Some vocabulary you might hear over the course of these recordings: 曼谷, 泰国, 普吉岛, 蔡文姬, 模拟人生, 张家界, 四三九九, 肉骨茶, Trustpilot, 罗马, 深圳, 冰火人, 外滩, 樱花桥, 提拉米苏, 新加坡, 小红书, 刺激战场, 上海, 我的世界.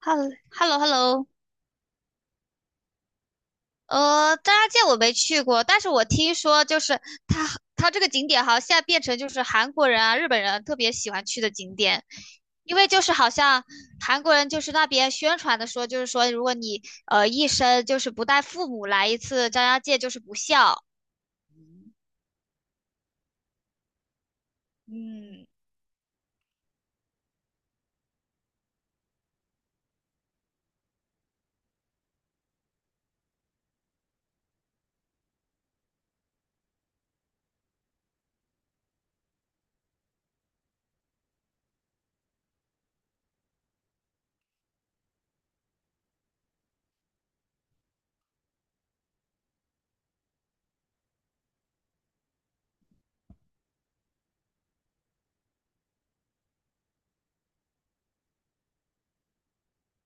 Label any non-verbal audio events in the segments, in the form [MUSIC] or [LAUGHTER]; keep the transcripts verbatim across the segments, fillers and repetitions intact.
Hello Hello Hello，呃，张家界我没去过，但是我听说就是它它这个景点好像现在变成就是韩国人啊、日本人啊特别喜欢去的景点，因为就是好像韩国人就是那边宣传的说，就是说如果你呃一生就是不带父母来一次张家界就是不孝。嗯。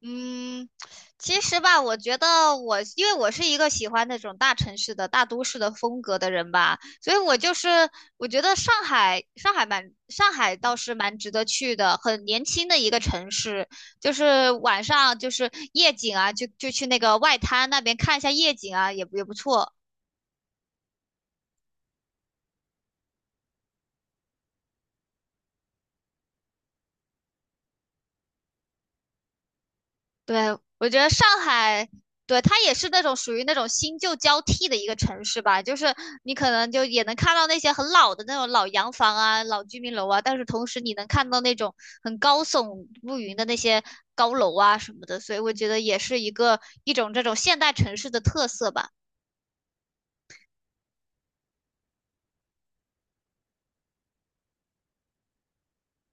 嗯，其实吧，我觉得我，因为我是一个喜欢那种大城市的、大都市的风格的人吧，所以我就是我觉得上海，上海蛮，上海倒是蛮值得去的，很年轻的一个城市，就是晚上就是夜景啊，就就去那个外滩那边看一下夜景啊，也不也不错。对，我觉得上海，对，它也是那种属于那种新旧交替的一个城市吧，就是你可能就也能看到那些很老的那种老洋房啊、老居民楼啊，但是同时你能看到那种很高耸入云的那些高楼啊什么的，所以我觉得也是一个一种这种现代城市的特色吧。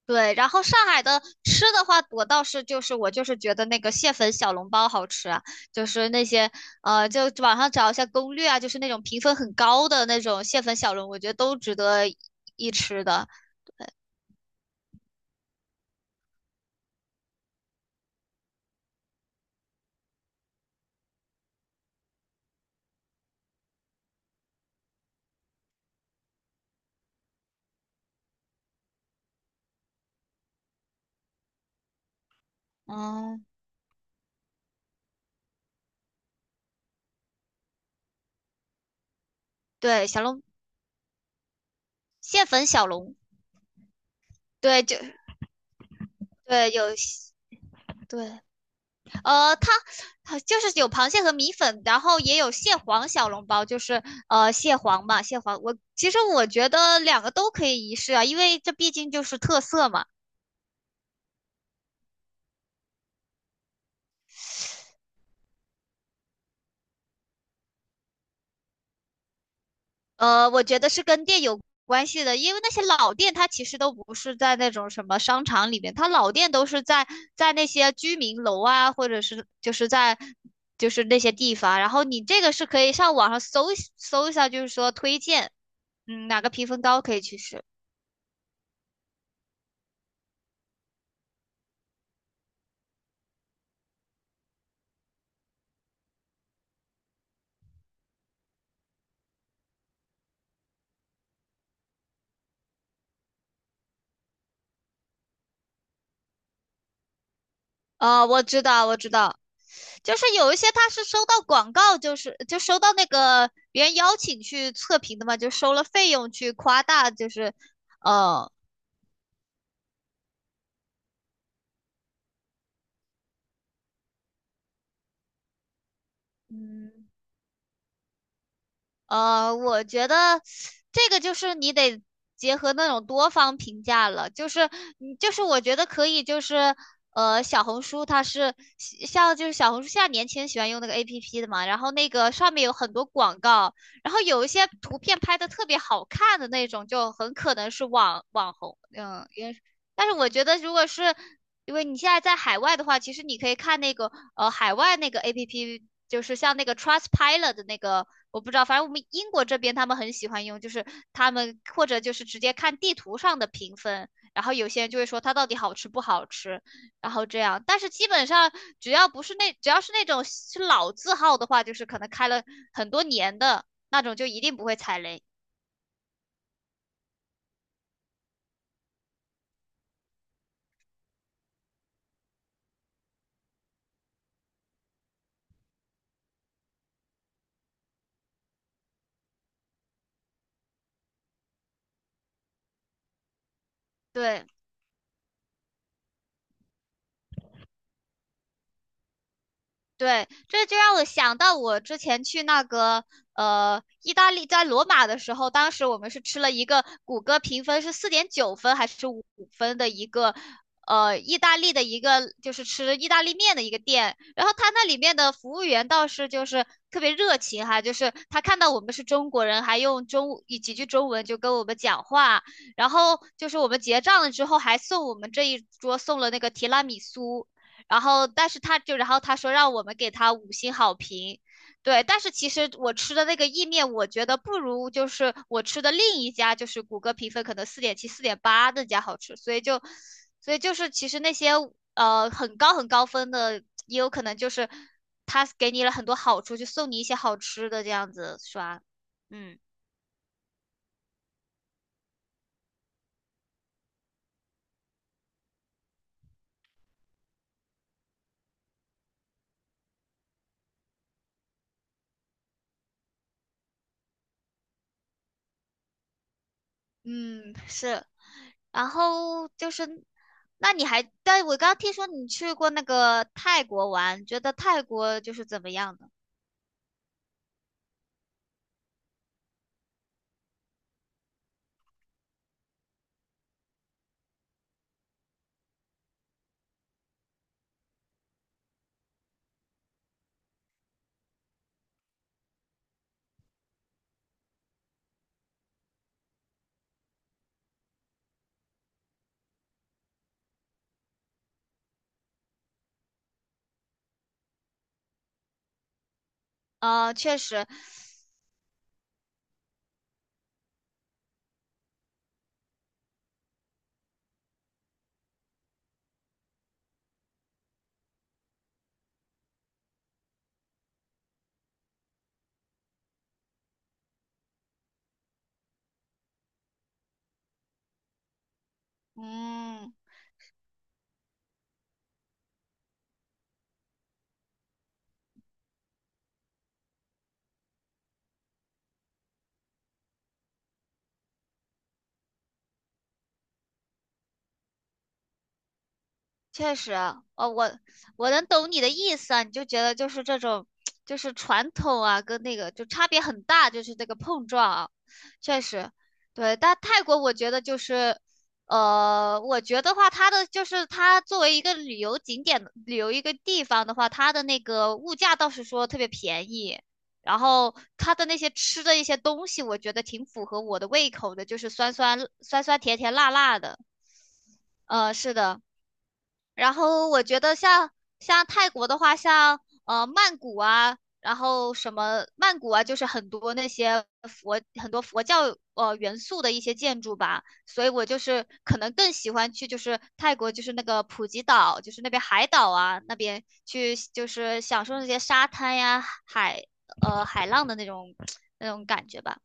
对，然后上海的吃的话，我倒是就是我就是觉得那个蟹粉小笼包好吃啊，就是那些呃，就网上找一下攻略啊，就是那种评分很高的那种蟹粉小笼，我觉得都值得一吃的。嗯，对，小笼蟹粉小笼，对，就对有蟹对，呃，它它就是有螃蟹和米粉，然后也有蟹黄小笼包，就是呃蟹黄嘛，蟹黄我其实我觉得两个都可以一试啊，因为这毕竟就是特色嘛。呃，我觉得是跟店有关系的，因为那些老店它其实都不是在那种什么商场里面，它老店都是在在那些居民楼啊，或者是就是在就是那些地方。然后你这个是可以上网上搜一搜一下，就是说推荐。嗯，哪个评分高可以去试。哦，我知道，我知道，就是有一些他是收到广告，就是就收到那个别人邀请去测评的嘛，就收了费用去夸大，就是，呃，嗯。呃，我觉得这个就是你得结合那种多方评价了，就是你就是我觉得可以，就是呃，小红书它是喜像就是小红书现在年轻人喜欢用那个 A P P 的嘛，然后那个上面有很多广告，然后有一些图片拍的特别好看的那种，就很可能是网网红，嗯，也但是我觉得如果是因为你现在在海外的话，其实你可以看那个呃海外那个 A P P,就是像那个 Trustpilot 的那个，我不知道，反正我们英国这边他们很喜欢用，就是他们或者就是直接看地图上的评分，然后有些人就会说它到底好吃不好吃，然后这样。但是基本上只要不是那只要是那种是老字号的话，就是可能开了很多年的那种，就一定不会踩雷。对。对，这就让我想到我之前去那个呃意大利，在罗马的时候，当时我们是吃了一个谷歌评分是四点九分还是五分的一个呃意大利的一个就是吃意大利面的一个店，然后他那里面的服务员倒是就是特别热情哈，就是他看到我们是中国人，还用中以几句中文就跟我们讲话，然后就是我们结账了之后还送我们这一桌送了那个提拉米苏。然后但是他就然后他说让我们给他五星好评，对，但是其实我吃的那个意面，我觉得不如就是我吃的另一家，就是谷歌评分可能四点七、四点八那家好吃，所以就所以就是其实那些呃很高很高分的，也有可能就是他给你了很多好处，就送你一些好吃的这样子刷。嗯。嗯，是。然后就是，那你还，但我刚刚听说你去过那个泰国玩，觉得泰国就是怎么样的？啊、确实，嗯，确实，哦，我我能懂你的意思啊，你就觉得就是这种，就是传统啊，跟那个就差别很大，就是这个碰撞啊，确实。对。但泰国我觉得就是，呃，我觉得话，它的就是它作为一个旅游景点、旅游一个地方的话，它的那个物价倒是说特别便宜，然后它的那些吃的一些东西，我觉得挺符合我的胃口的，就是酸酸酸酸甜甜辣辣的，呃，是的。然后我觉得像像泰国的话，像呃曼谷啊，然后什么曼谷啊，就是很多那些佛很多佛教呃元素的一些建筑吧，所以我就是可能更喜欢去就是泰国就是那个普吉岛，就是那边海岛啊那边去就是享受那些沙滩呀海呃海浪的那种 [TSK] 那种感觉吧。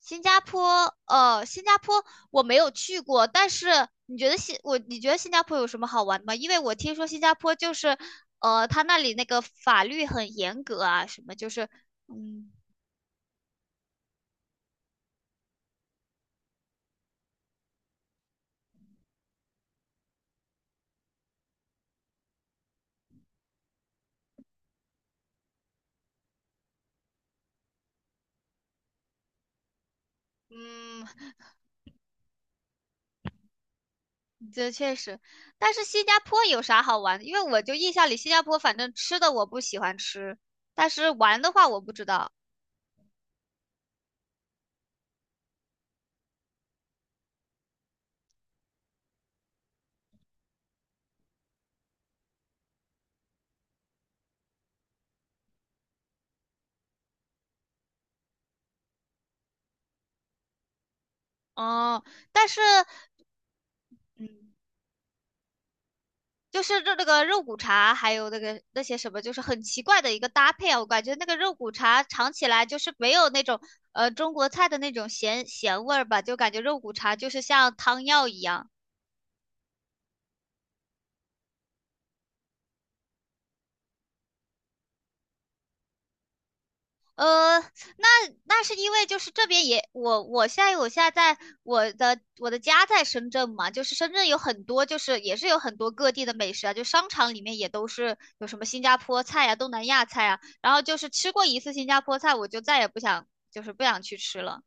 新加坡，呃，新加坡我没有去过，但是你觉得新我你觉得新加坡有什么好玩的吗？因为我听说新加坡就是，呃，他那里那个法律很严格啊，什么就是，嗯嗯，这确实，但是新加坡有啥好玩的？因为我就印象里新加坡反正吃的我不喜欢吃，但是玩的话我不知道。哦，但是，嗯，就是这那个肉骨茶，还有那个那些什么，就是很奇怪的一个搭配啊。我感觉那个肉骨茶尝起来就是没有那种呃中国菜的那种咸咸味儿吧，就感觉肉骨茶就是像汤药一样。呃，那那是因为就是这边也我我现在我现在在我的我的家在深圳嘛，就是深圳有很多就是也是有很多各地的美食啊，就商场里面也都是有什么新加坡菜啊、东南亚菜啊，然后就是吃过一次新加坡菜，我就再也不想就是不想去吃了。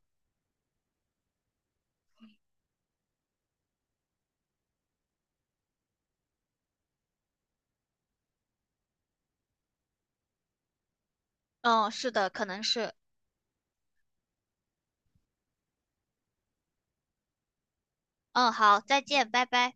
嗯，是的，可能是。嗯，好，再见，拜拜。